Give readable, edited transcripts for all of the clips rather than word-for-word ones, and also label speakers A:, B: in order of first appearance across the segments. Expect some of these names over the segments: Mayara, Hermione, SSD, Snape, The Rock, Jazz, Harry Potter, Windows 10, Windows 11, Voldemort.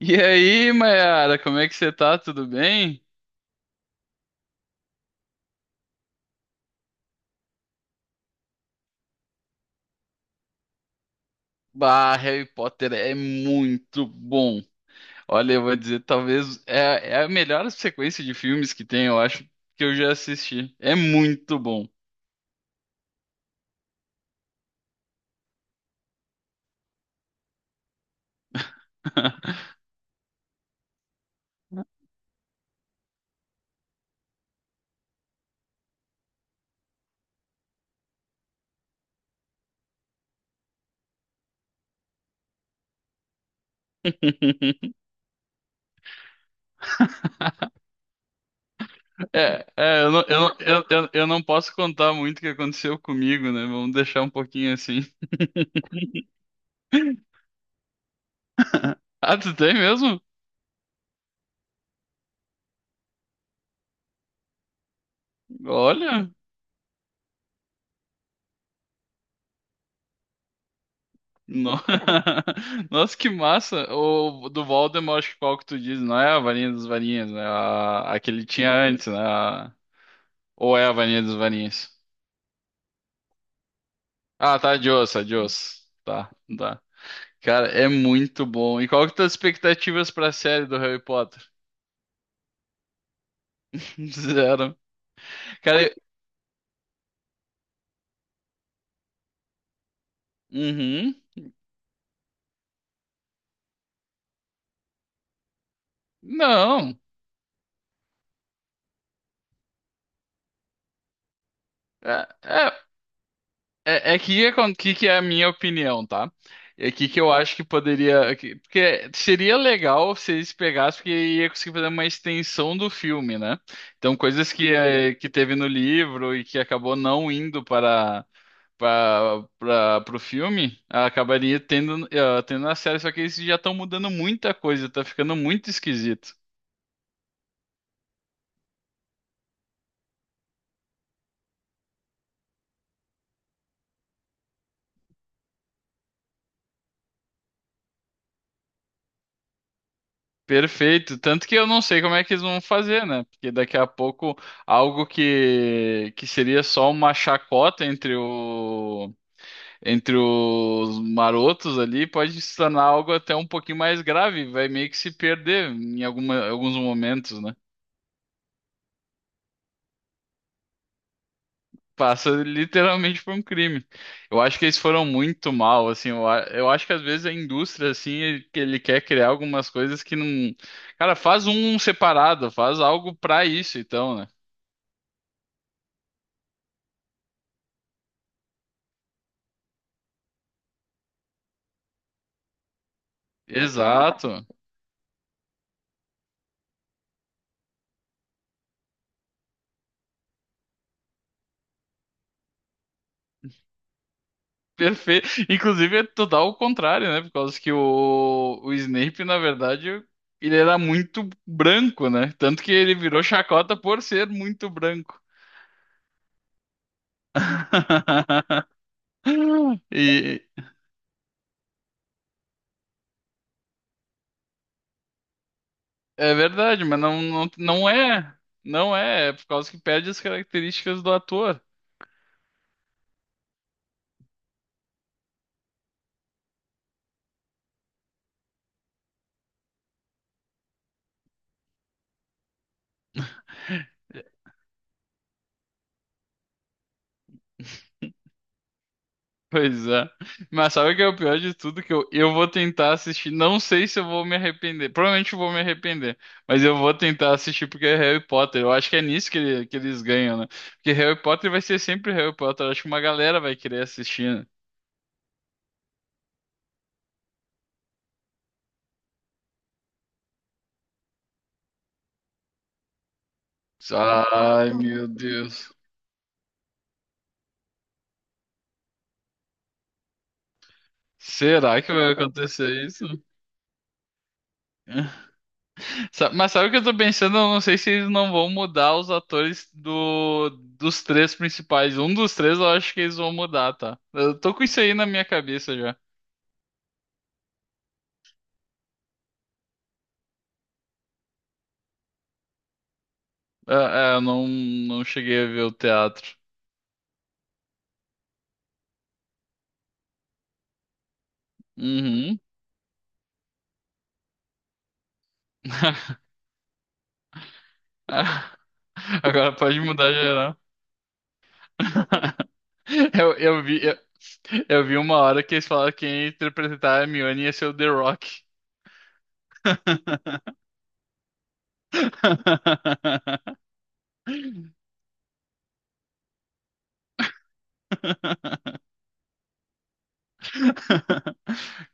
A: E aí, Mayara, como é que você tá? Tudo bem? Bah, Harry Potter é muito bom. Olha, eu vou dizer, talvez é a melhor sequência de filmes que tem, eu acho, que eu já assisti. É muito bom. É, é, eu não, eu, não- eu não posso contar muito o que aconteceu comigo, né? Vamos deixar um pouquinho assim. Ah, tu tem mesmo? Olha. No- Nossa, que massa! O do Voldemort, acho que qual que tu diz? Não é a varinha dos varinhas, né? A que ele tinha antes, né? Ou é a varinha dos varinhas? Ah, tá, de osso, a de osso. Tá, tá. Cara, é muito bom. E qual que tuas expectativas pra série do Harry Potter? Zero. Cara, eu- uhum. Não. É, é, É, é que, o que é a minha opinião, tá? É que eu acho que Porque seria legal se eles pegassem, porque ia conseguir fazer uma extensão do filme, né? Então, coisas que, que teve no livro e que acabou não indo para, pro filme, acabaria tendo, tendo na série. Só que eles já estão mudando muita coisa, tá ficando muito esquisito. Perfeito. Tanto que eu não sei como é que eles vão fazer, né? Porque daqui a pouco algo que seria só uma chacota entre entre os marotos ali pode se tornar algo até um pouquinho mais grave. Vai meio que se perder em alguns momentos, né? Passa literalmente por um crime. Eu acho que eles foram muito mal, assim. Eu acho que às vezes a indústria, assim, ele quer criar algumas coisas que não. Cara, faz um separado, faz algo pra isso, então, né? Exato. Perfeito. Inclusive é total o contrário, né? Por causa que o Snape, na verdade, ele era muito branco, né? Tanto que ele virou chacota por ser muito branco. E é verdade, mas não, não é. Não é, é por causa que perde as características do ator. Pois é. Mas sabe o que é o pior de tudo? Que eu vou tentar assistir. Não sei se eu vou me arrepender. Provavelmente eu vou me arrepender. Mas eu vou tentar assistir porque é Harry Potter. Eu acho que é nisso que eles ganham, né? Porque Harry Potter vai ser sempre Harry Potter. Eu acho que uma galera vai querer assistir, né? Ai, meu Deus. Será que vai acontecer isso? Mas sabe o que eu tô pensando? Eu não sei se eles não vão mudar os atores dos três principais. Um dos três eu acho que eles vão mudar, tá? Eu tô com isso aí na minha cabeça já. Eu não, não cheguei a ver o teatro. Uhum. Agora pode mudar geral. Eu, eu vi, eu, eu vi uma hora que eles falaram que quem ia interpretar a Hermione ia ser o The Rock.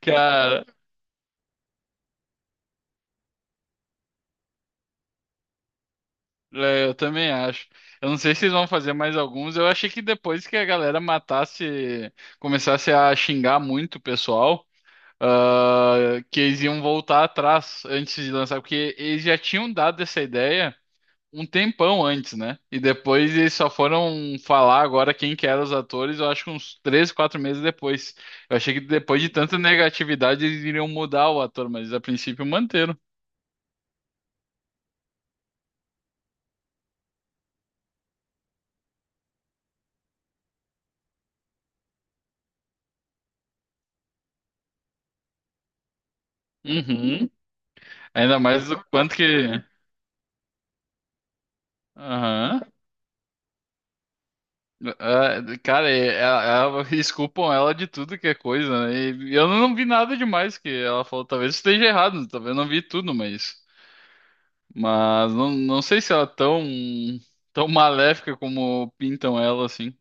A: Cara, é, eu também acho. Eu não sei se eles vão fazer mais alguns. Eu achei que depois que a galera matasse, começasse a xingar muito o pessoal, ah, que eles iam voltar atrás antes de lançar, porque eles já tinham dado essa ideia um tempão antes, né? E depois eles só foram falar agora quem que eram os atores, eu acho que uns três, quatro meses depois. Eu achei que depois de tanta negatividade eles iriam mudar o ator, mas a princípio manteram. Uhum. Ainda mais o quanto que. Aham. Ah, cara, eles culpam ela de tudo que é coisa, né? E eu não vi nada demais que ela falou. Talvez esteja errado, talvez eu não vi tudo, mas. Mas não, não sei se ela é tão maléfica como pintam ela, assim.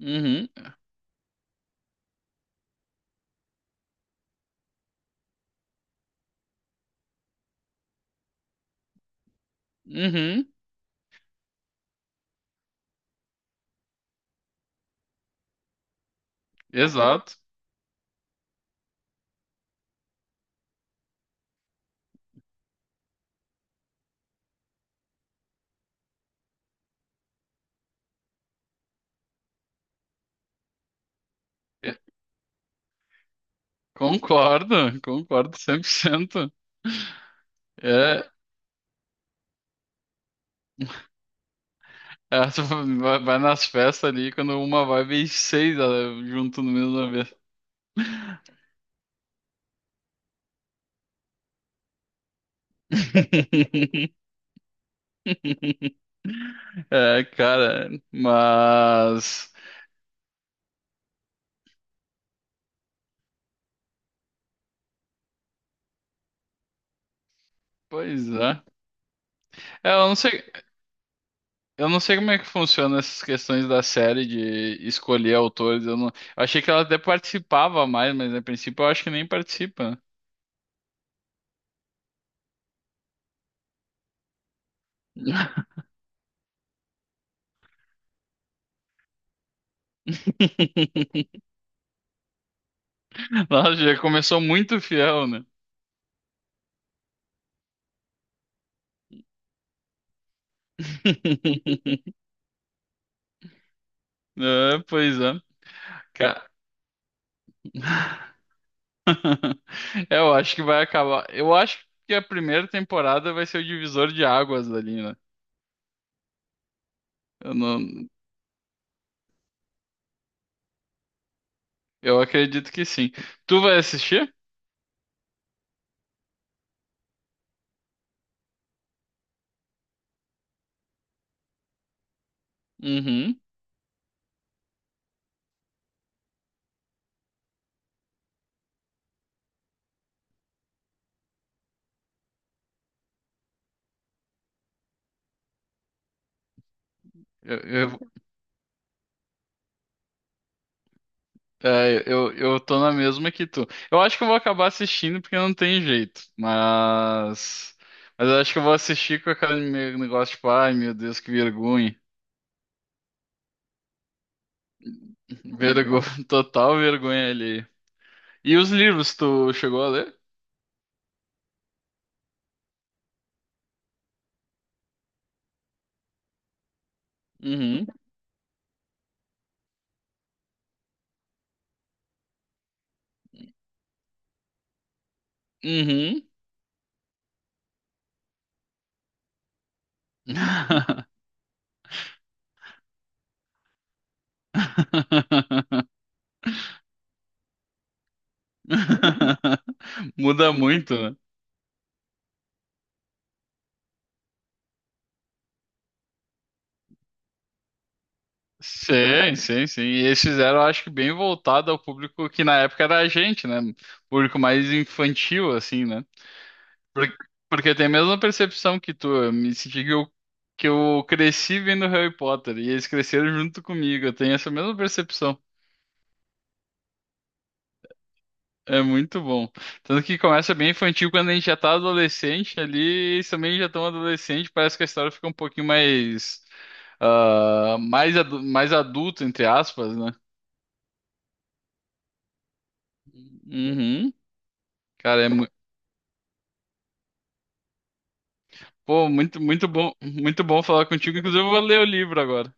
A: Uhum, uhum, exato. É, concordo, concordo cem por cento. É, ela vai vai nas festas ali, quando uma vai, vem seis ah, junto no mesmo vez. É, cara, mas. Pois é. É, eu não sei, eu não sei como é que funciona essas questões da série de escolher autores. Eu não, eu achei que ela até participava mais, mas a princípio eu acho que nem participa, né? Nossa, já começou muito fiel, né? É, pois é. Ca- É, eu acho que vai acabar. Eu acho que a primeira temporada vai ser o divisor de águas ali, né? Eu não, eu acredito que sim. Tu vai assistir? Uhum. Eu, eu, eu tô na mesma que tu. Eu acho que eu vou acabar assistindo porque não tem jeito. Mas. Mas eu acho que eu vou assistir com aquele meu negócio, tipo, ai meu Deus, que vergonha. Vergonha, total vergonha ali. E os livros, tu chegou a ler? Uhum. Uhum. Muda muito, né? Sim, sim, sim. E eles fizeram, acho que bem voltado ao público que na época era a gente, né? Público mais infantil, assim, né? Porque, porque tem a mesma percepção que tu. Eu me senti que eu cresci vendo Harry Potter e eles cresceram junto comigo. Eu tenho essa mesma percepção. É muito bom. Tanto que começa bem infantil quando a gente já tá adolescente ali, eles também já estão adolescente, parece que a história fica um pouquinho mais. Ah, mais, mais adulto, entre aspas, né? Uhum. Cara, é, mu- Pô, muito, muito bom falar contigo. Inclusive, eu vou ler o livro agora.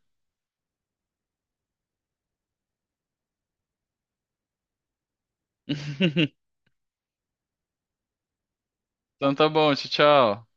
A: Então tá bom, tchau, tchau.